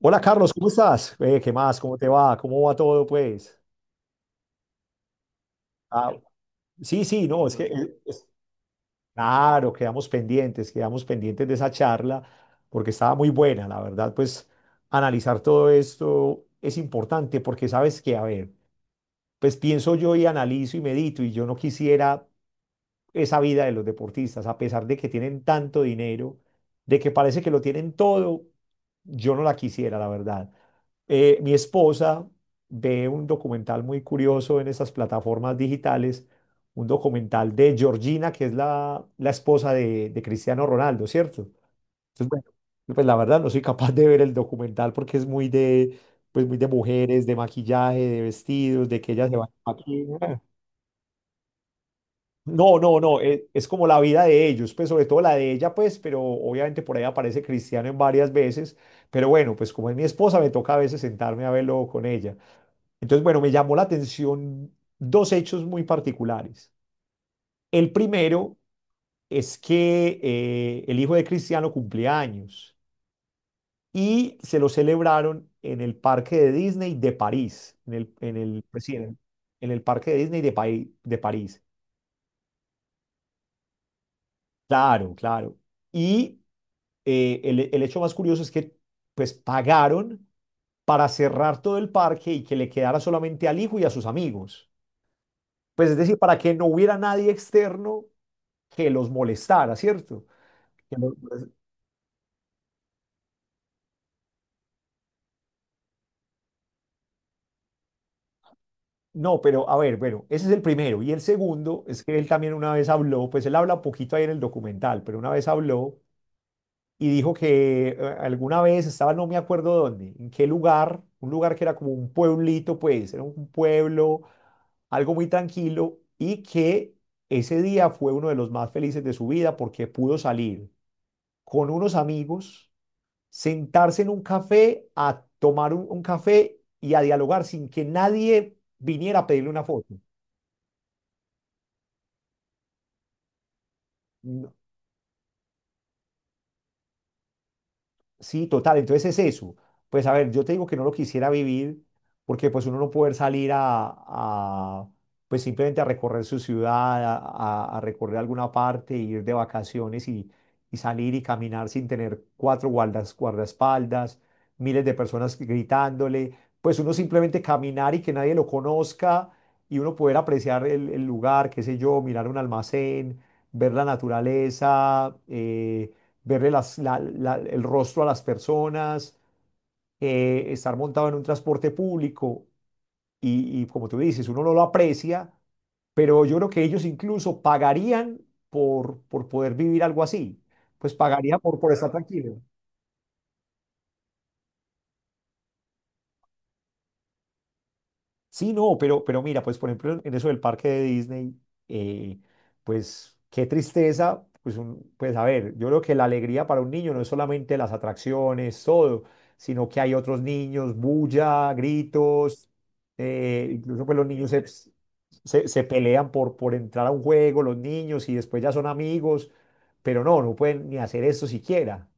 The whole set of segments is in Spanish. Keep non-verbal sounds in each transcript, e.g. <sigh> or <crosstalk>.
Hola Carlos, ¿cómo estás? ¿Qué más? ¿Cómo te va? ¿Cómo va todo, pues? Ah, sí, sí, no, es que, claro, quedamos pendientes de esa charla, porque estaba muy buena, la verdad, pues analizar todo esto es importante, porque sabes que, a ver, pues pienso yo y analizo y medito, y yo no quisiera esa vida de los deportistas, a pesar de que tienen tanto dinero, de que parece que lo tienen todo, yo no la quisiera, la verdad. Mi esposa ve un documental muy curioso en esas plataformas digitales, un documental de Georgina, que es la esposa de Cristiano Ronaldo, ¿cierto? Entonces, bueno, pues la verdad no soy capaz de ver el documental porque es muy pues muy de mujeres, de maquillaje, de vestidos, de que ellas se van a maquillar. No, no, no, es, como la vida de ellos, pues sobre todo la de ella, pues, pero obviamente por ahí aparece Cristiano en varias veces, pero bueno, pues como es mi esposa, me toca a veces sentarme a verlo con ella. Entonces, bueno, me llamó la atención dos hechos muy particulares. El primero es que el hijo de Cristiano cumplía años y se lo celebraron en el parque de Disney de París, pues sí, en el parque de Disney de, de París. Claro, claro. Y el hecho más curioso es que pues pagaron para cerrar todo el parque y que le quedara solamente al hijo y a sus amigos. Pues es decir, para que no hubiera nadie externo que los molestara, ¿cierto? Que los- No, pero a ver, bueno, ese es el primero. Y el segundo es que él también una vez habló, pues él habla poquito ahí en el documental, pero una vez habló y dijo que alguna vez estaba, no me acuerdo dónde, en qué lugar, un lugar que era como un pueblito, pues, era un pueblo, algo muy tranquilo, y que ese día fue uno de los más felices de su vida porque pudo salir con unos amigos, sentarse en un café, a tomar un café y a dialogar sin que nadie viniera a pedirle una foto. Sí, total, entonces es eso. Pues a ver, yo te digo que no lo quisiera vivir porque pues uno no poder salir pues simplemente a recorrer su ciudad, a recorrer alguna parte, ir de vacaciones y salir y caminar sin tener cuatro guardaespaldas, miles de personas gritándole, pues uno simplemente caminar y que nadie lo conozca y uno poder apreciar el lugar, qué sé yo, mirar un almacén, ver la naturaleza. Verle el rostro a las personas, estar montado en un transporte público y como tú dices, uno no lo aprecia, pero yo creo que ellos incluso pagarían por poder vivir algo así, pues pagaría por estar tranquilo. Sí, no, pero mira, pues por ejemplo en eso del parque de Disney, eh, pues qué tristeza, pues, pues a ver, yo creo que la alegría para un niño no es solamente las atracciones, todo, sino que hay otros niños, bulla, gritos, incluso pues los se pelean por entrar a un juego, los niños, y después ya son amigos, pero no, no pueden ni hacer esto siquiera.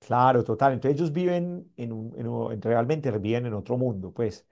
Claro, total, entonces ellos viven en un, realmente viven en otro mundo, pues.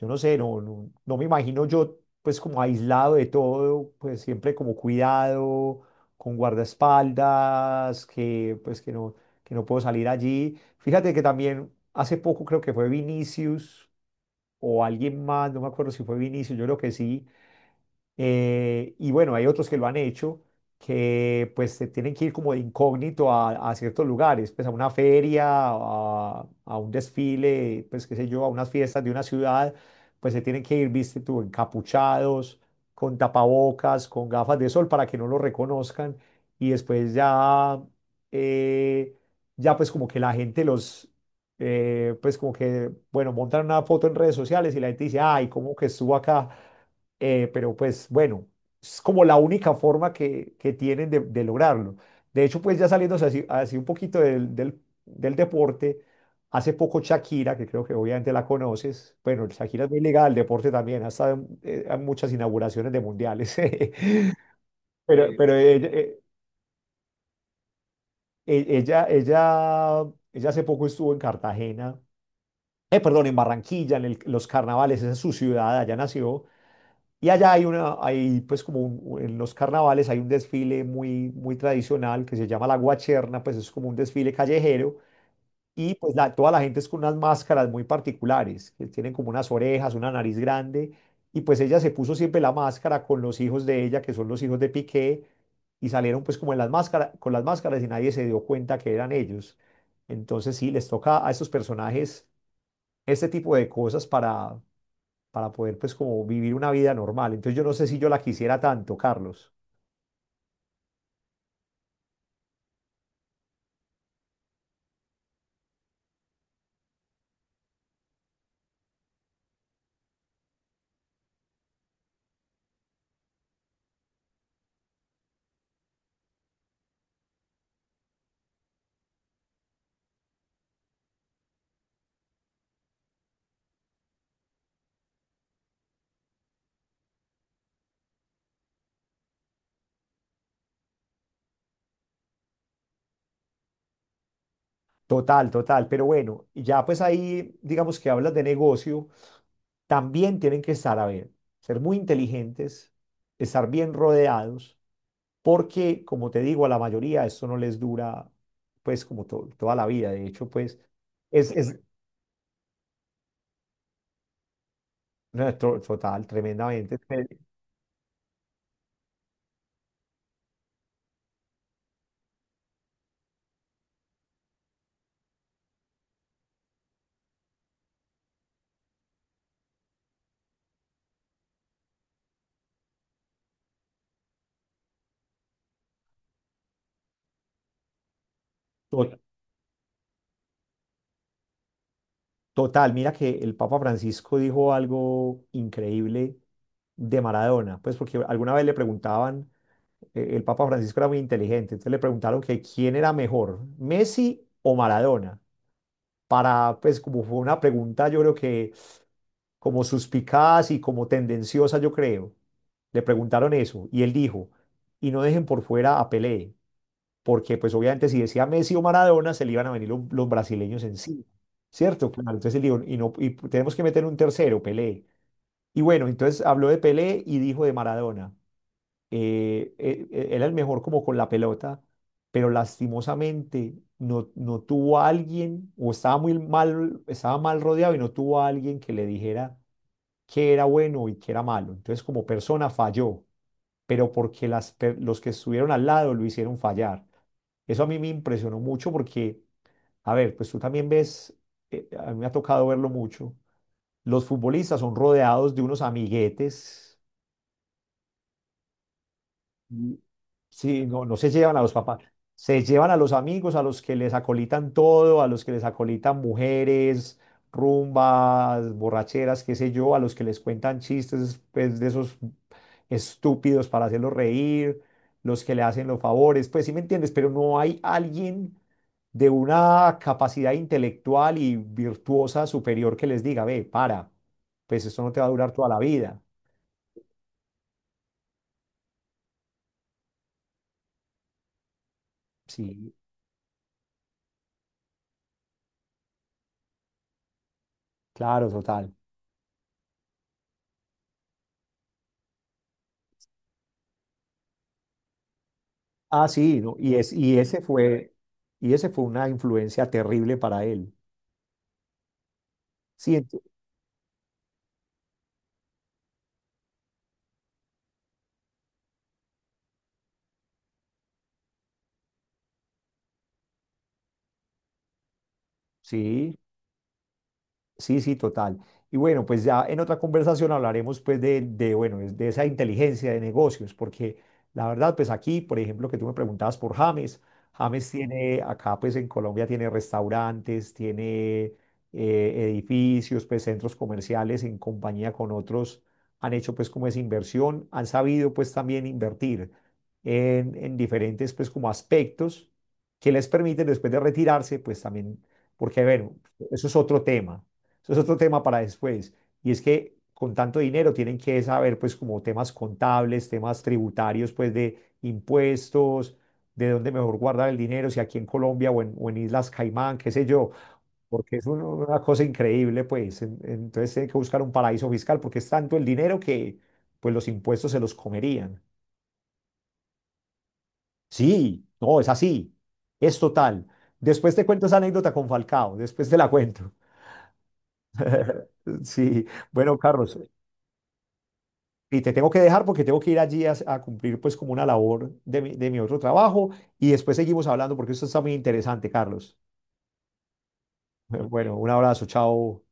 Yo no sé, no, no, no me imagino yo pues como aislado de todo, pues siempre como cuidado, con guardaespaldas, que pues que no puedo salir allí. Fíjate que también hace poco creo que fue Vinicius o alguien más, no me acuerdo si fue Vinicius, yo creo que sí y bueno, hay otros que lo han hecho, que pues se tienen que ir como de incógnito a ciertos lugares, pues a una feria, a un desfile, pues qué sé yo, a unas fiestas de una ciudad, pues se tienen que ir, viste tú, encapuchados, con tapabocas, con gafas de sol para que no lo reconozcan. Y después ya, eh, ya pues como que la gente los... pues como que, bueno, montan una foto en redes sociales y la gente dice, ay, ¿cómo que estuvo acá? Pero pues bueno, es como la única forma que tienen de lograrlo. De hecho, pues ya saliéndose así, así un poquito del deporte, hace poco Shakira, que creo que obviamente la conoces, bueno, Shakira es muy ligada al deporte también, ha estado en muchas inauguraciones de mundiales, <laughs> pero, sí. Pero ella, e- ella, ella, ella hace poco estuvo en Cartagena, perdón, en Barranquilla, en los carnavales, esa es su ciudad, allá nació. Y allá hay una, hay pues como en los carnavales hay un desfile muy, muy tradicional que se llama la Guacherna, pues es como un desfile callejero y pues toda la gente es con unas máscaras muy particulares, que tienen como unas orejas, una nariz grande y pues ella se puso siempre la máscara con los hijos de ella, que son los hijos de Piqué, y salieron pues como en las máscaras, con las máscaras y nadie se dio cuenta que eran ellos. Entonces sí, les toca a estos personajes este tipo de cosas para poder pues como vivir una vida normal. Entonces yo no sé si yo la quisiera tanto, Carlos. Total, total, pero bueno, ya pues ahí digamos que hablas de negocio, también tienen que estar, a ver, ser muy inteligentes, estar bien rodeados, porque como te digo, a la mayoría esto no les dura pues como toda la vida, de hecho pues es no, total, tremendamente, to- total, mira que el Papa Francisco dijo algo increíble de Maradona, pues porque alguna vez le preguntaban el Papa Francisco era muy inteligente, entonces le preguntaron que quién era mejor, Messi o Maradona, para, pues como fue una pregunta, yo creo que como suspicaz y como tendenciosa, yo creo, le preguntaron eso y él dijo, y no dejen por fuera a Pelé, porque pues obviamente si decía Messi o Maradona, se le iban a venir los brasileños encima, ¿cierto? Claro, entonces él dijo, y, no, y tenemos que meter un tercero, Pelé. Y bueno, entonces habló de Pelé y dijo de Maradona era el mejor como con la pelota, pero lastimosamente no, no tuvo a alguien, o estaba muy mal, estaba mal rodeado y no tuvo a alguien que le dijera qué era bueno y qué era malo. Entonces, como persona falló, pero porque los que estuvieron al lado lo hicieron fallar. Eso a mí me impresionó mucho porque, a ver, pues tú también ves, a mí me ha tocado verlo mucho, los futbolistas son rodeados de unos amiguetes. Sí, no, no se llevan a los papás, se llevan a los amigos, a los que les acolitan todo, a los que les acolitan mujeres, rumbas, borracheras, qué sé yo, a los que les cuentan chistes, pues, de esos estúpidos para hacerlos reír, los que le hacen los favores, pues sí me entiendes, pero no hay alguien de una capacidad intelectual y virtuosa superior que les diga, ve, para, pues esto no te va a durar toda la vida. Sí, claro, total. Ah, sí, no, y, es, fue, y ese fue una influencia terrible para él. Sí, sí, sí, sí, total. Y bueno, pues ya en otra conversación hablaremos pues bueno, de esa inteligencia de negocios, porque la verdad, pues aquí, por ejemplo, que tú me preguntabas por James, James tiene, acá pues en Colombia tiene restaurantes, tiene edificios, pues centros comerciales en compañía con otros, han hecho pues como esa inversión, han sabido pues también invertir en diferentes pues como aspectos que les permiten después de retirarse pues también, porque bueno, eso es otro tema eso es otro tema para después. Y es que con tanto dinero tienen que saber, pues, como temas contables, temas tributarios, pues, de impuestos, de dónde mejor guardar el dinero, si aquí en Colombia o en Islas Caimán, qué sé yo, porque es una cosa increíble, pues. Entonces tienen que buscar un paraíso fiscal porque es tanto el dinero que, pues, los impuestos se los comerían. Sí, no, es así, es total. Después te cuento esa anécdota con Falcao, después te la cuento. <laughs> Sí, bueno, Carlos, y te tengo que dejar porque tengo que ir allí a cumplir pues como una labor de mi otro trabajo y después seguimos hablando porque esto está muy interesante, Carlos. <laughs> Bueno, un abrazo, chao.